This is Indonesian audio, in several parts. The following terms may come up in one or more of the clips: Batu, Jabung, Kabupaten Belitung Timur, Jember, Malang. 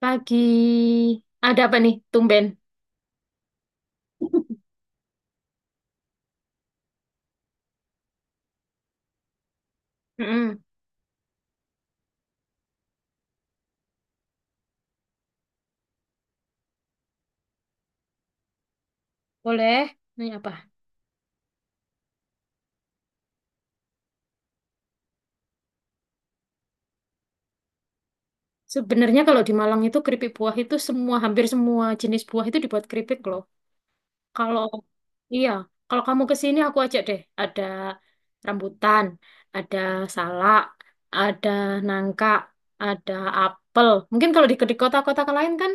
Pagi. Ada apa nih, tumben? Mm-mm. Boleh. Ini apa? Sebenarnya kalau di Malang itu keripik buah itu semua, hampir semua jenis buah itu dibuat keripik loh. Kalau, iya, kalau kamu ke sini aku ajak deh. Ada rambutan, ada salak, ada nangka, ada apel. Mungkin kalau di kota-kota lain kan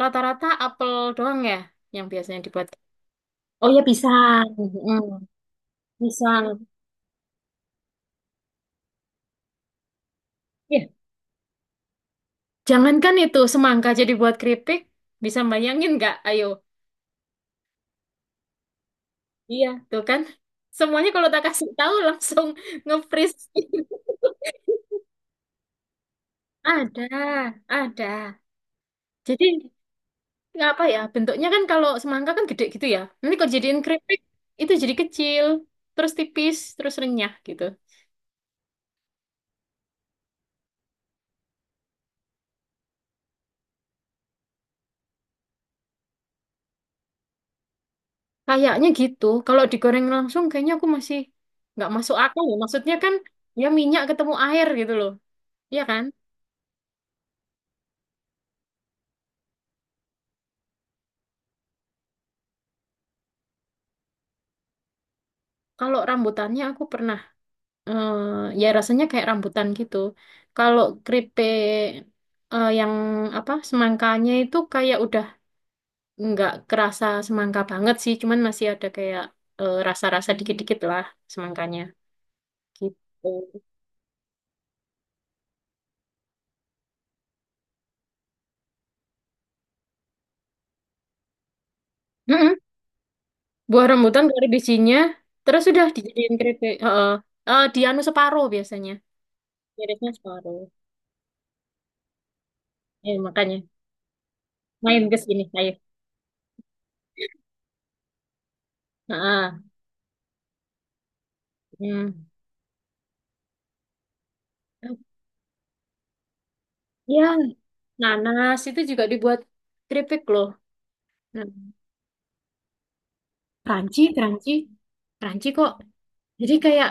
rata-rata apel doang ya yang biasanya dibuat. Oh ya pisang. Pisang. Iya. Jangankan itu semangka jadi buat keripik, bisa bayangin nggak? Ayo, iya tuh kan. Semuanya kalau tak kasih tahu langsung nge-freeze. Ada, ada. Jadi nggak apa ya bentuknya kan kalau semangka kan gede gitu ya. Nanti kalau jadiin keripik itu jadi kecil, terus tipis, terus renyah gitu. Kayaknya gitu. Kalau digoreng langsung kayaknya aku masih nggak masuk akal ya. Maksudnya kan ya minyak ketemu air gitu loh. Iya kan? Kalau rambutannya aku pernah eh ya rasanya kayak rambutan gitu. Kalau keripik yang apa semangkanya itu kayak udah nggak kerasa semangka banget sih, cuman masih ada kayak rasa-rasa dikit-dikit lah semangkanya gitu. Mm-mm. Buah rambutan dari bijinya, terus udah dijadiin keripik. Heeh. Di anu separuh biasanya, mirisnya separuh. Makanya main ke sini, ayo. Heeh. Hmm. Ya, nanas itu juga dibuat keripik loh. Nah, Pranci, Pranci, Pranci kok. Jadi kayak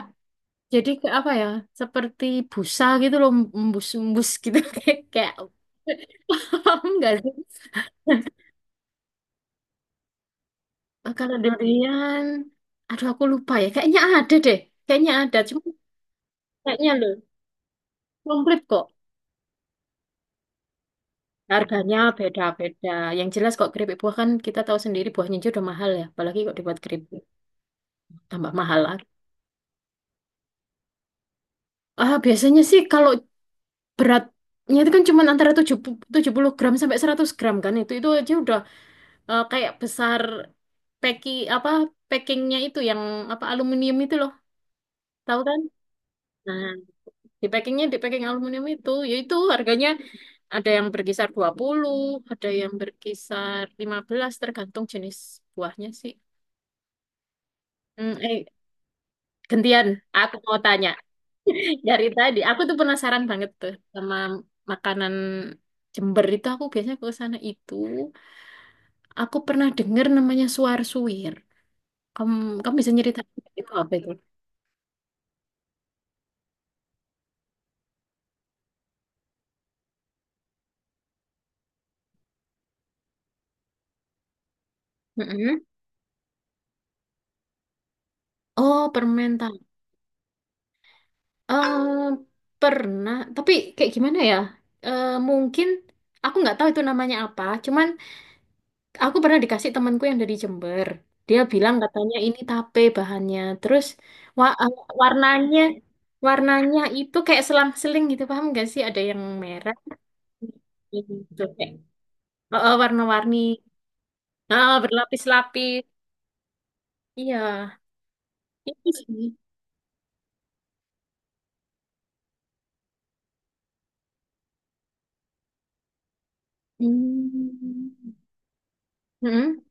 jadi ke apa ya? Seperti busa gitu loh, embus-embus gitu kayak kayak paham nggak sih? Kalau durian, aduh aku lupa ya. Kayaknya ada deh, kayaknya ada. Cuma kayaknya loh, komplit kok. Harganya beda-beda. Yang jelas kok keripik buah kan kita tahu sendiri buahnya aja udah mahal ya. Apalagi kok dibuat keripik tambah mahal lagi. Ah, biasanya sih kalau beratnya itu kan cuma antara tujuh puluh gram sampai 100 gram. Kan itu aja udah kayak besar, packing apa packingnya itu yang apa, aluminium itu loh, tahu kan? Nah, di packing aluminium itu, yaitu harganya ada yang berkisar 20, ada yang berkisar 15, tergantung jenis buahnya sih. Hmm, eh gantian aku mau tanya. Dari tadi aku tuh penasaran banget tuh sama makanan Jember itu, aku biasanya ke sana itu. Aku pernah dengar namanya suar-suir. Em, Kamu bisa nyeritain itu apa itu? Mm-mm. Oh, permen tahu. Eh, Pernah, tapi kayak gimana ya? Mungkin aku nggak tahu itu namanya apa. Cuman aku pernah dikasih temanku yang dari Jember. Dia bilang katanya ini tape bahannya. Terus wa- eh, warnanya warnanya itu kayak selang-seling gitu, paham nggak sih? Ada yang merah, gitu kayak warna-warni. Ah, berlapis-lapis. Iya. Ini sih. Hmm. Mm-mm.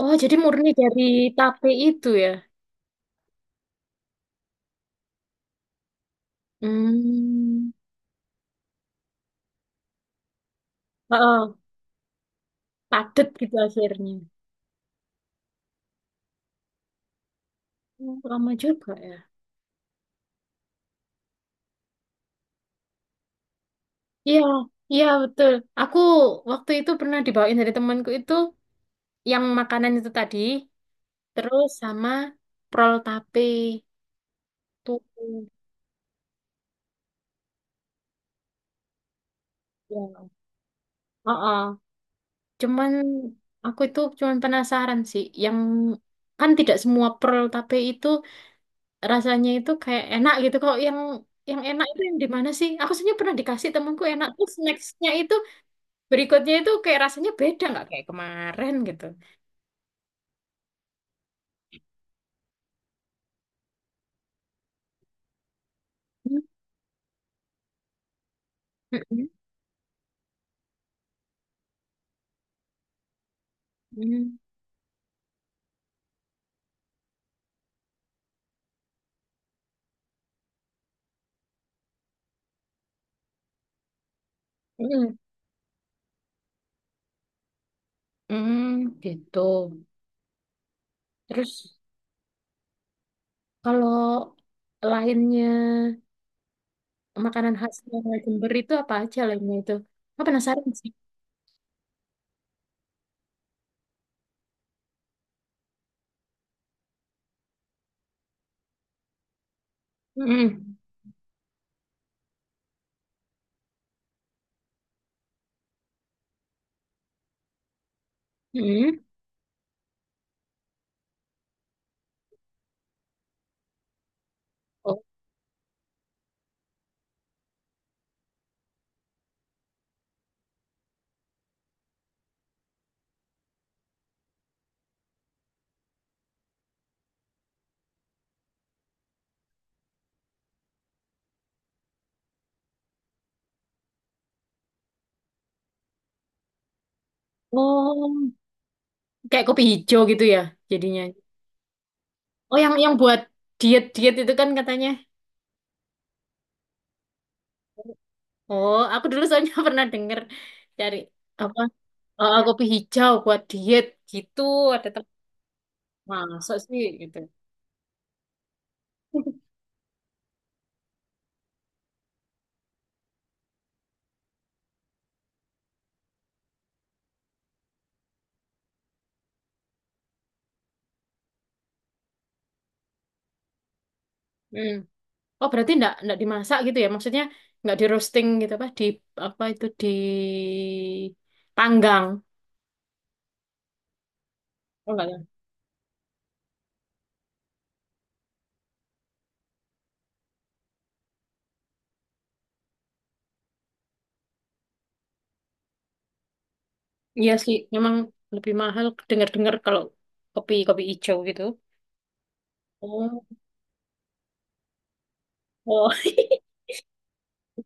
Oh, jadi murni dari tape itu ya? Hmm. Oh, padat gitu akhirnya. Oh, lama juga ya. Iya, iya betul. Aku waktu itu pernah dibawain dari temanku itu yang makanan itu tadi, terus sama prol tape tuh. Ya. Oh, oh. Cuman aku itu cuman penasaran sih, yang kan tidak semua prol tape itu rasanya itu kayak enak gitu kok. Yang enak itu yang di mana sih? Aku sebenarnya pernah dikasih temanku enak, terus nextnya itu berikutnya itu kayak rasanya beda, nggak kayak kemarin gitu. Hmm, mm, mm, mm, mm, mm, gitu, terus kalau lainnya makanan khasnya Jember itu apa aja lainnya itu, aku penasaran sih. Mm, mm. Oh, oh, kayak kopi hijau gitu ya jadinya. Oh, yang buat diet diet itu kan katanya. Oh, aku dulu soalnya pernah denger cari apa kopi hijau buat diet gitu. Ada masuk sih gitu. Hmm. Oh, berarti enggak dimasak gitu ya? Maksudnya enggak di roasting gitu apa di apa itu di panggang. Oh, enggak ya? Iya sih, memang lebih mahal dengar-dengar kalau kopi kopi hijau gitu. Oh, oh.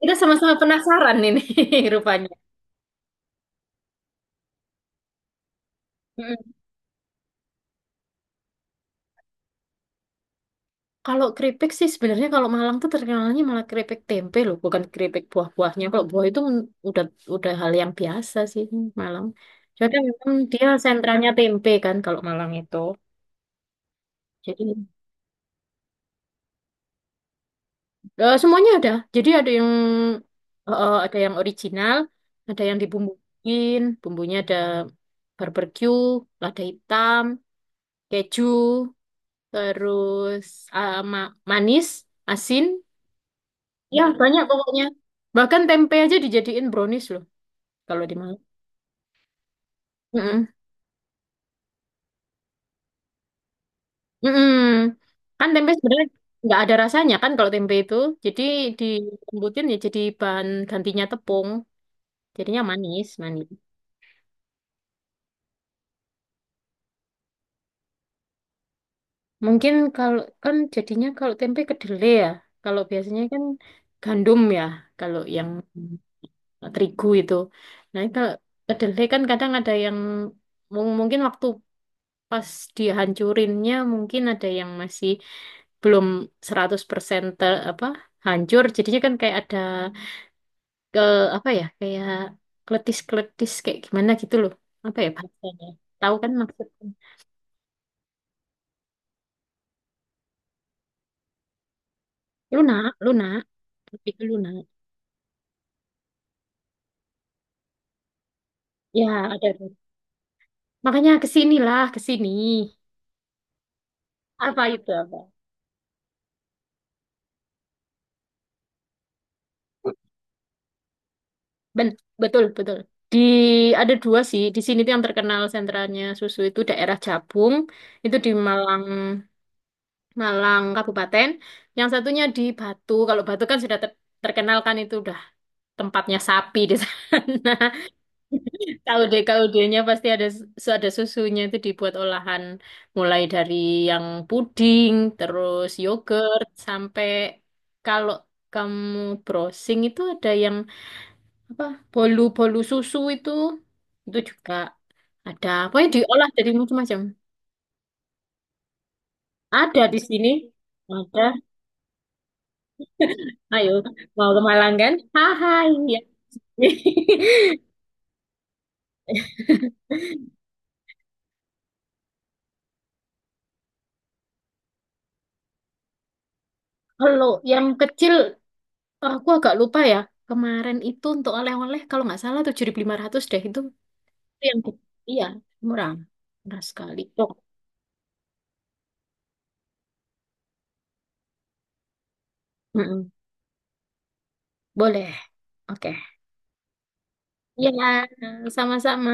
Kita sama-sama penasaran ini rupanya. Hmm. Kalau keripik sih sebenarnya kalau Malang tuh terkenalnya malah keripik tempe loh, bukan keripik buah-buahnya. Kalau buah itu udah hal yang biasa sih Malang. Jadi memang dia sentranya tempe kan kalau Malang itu. Jadi semuanya ada. Jadi ada yang original, ada yang dibumbuin, bumbunya ada barbeque, lada hitam, keju, terus manis, asin. Ya, banyak pokoknya. Bahkan tempe aja dijadiin brownies loh, kalau di Malang. Mm-mm. Mm-mm. Kan tempe sebenarnya nggak ada rasanya kan kalau tempe itu. Jadi dilembutin ya jadi bahan gantinya tepung. Jadinya manis, manis. Mungkin kalau kan jadinya kalau tempe kedelai ya. Kalau biasanya kan gandum ya, kalau yang terigu itu. Nah, kalau kedelai kan kadang ada yang mungkin waktu pas dihancurinnya mungkin ada yang masih belum 100% apa hancur, jadinya kan kayak ada ke apa ya, kayak kletis-kletis kayak gimana gitu loh, apa ya bahasanya, tahu kan maksudnya. Lunak, lunak, lebih ke lunak. Ya, ada, ada. Makanya kesinilah, kesini. Apa itu, apa? Ben, betul, betul, di ada dua sih di sini tuh yang terkenal sentralnya susu, itu daerah Jabung, itu di Malang, Malang Kabupaten. Yang satunya di Batu. Kalau Batu kan sudah terkenal kan, itu udah tempatnya sapi di sana. Kaude-kaudenya pasti ada susunya itu dibuat olahan mulai dari yang puding, terus yogurt, sampai kalau kamu browsing itu ada yang apa bolu-bolu susu itu juga ada. Pokoknya diolah dari macam-macam. Ada di sini. Ada. Ayo, mau ke Malang kan? Hai, ya. Kalau yang kecil, aku agak lupa ya. Kemarin itu untuk oleh-oleh, kalau nggak salah 7.500 deh. Itu yang kecil. Iya, murah. Murah sekali. Oh, mm-mm. Boleh. Oke. Iya, sama-sama.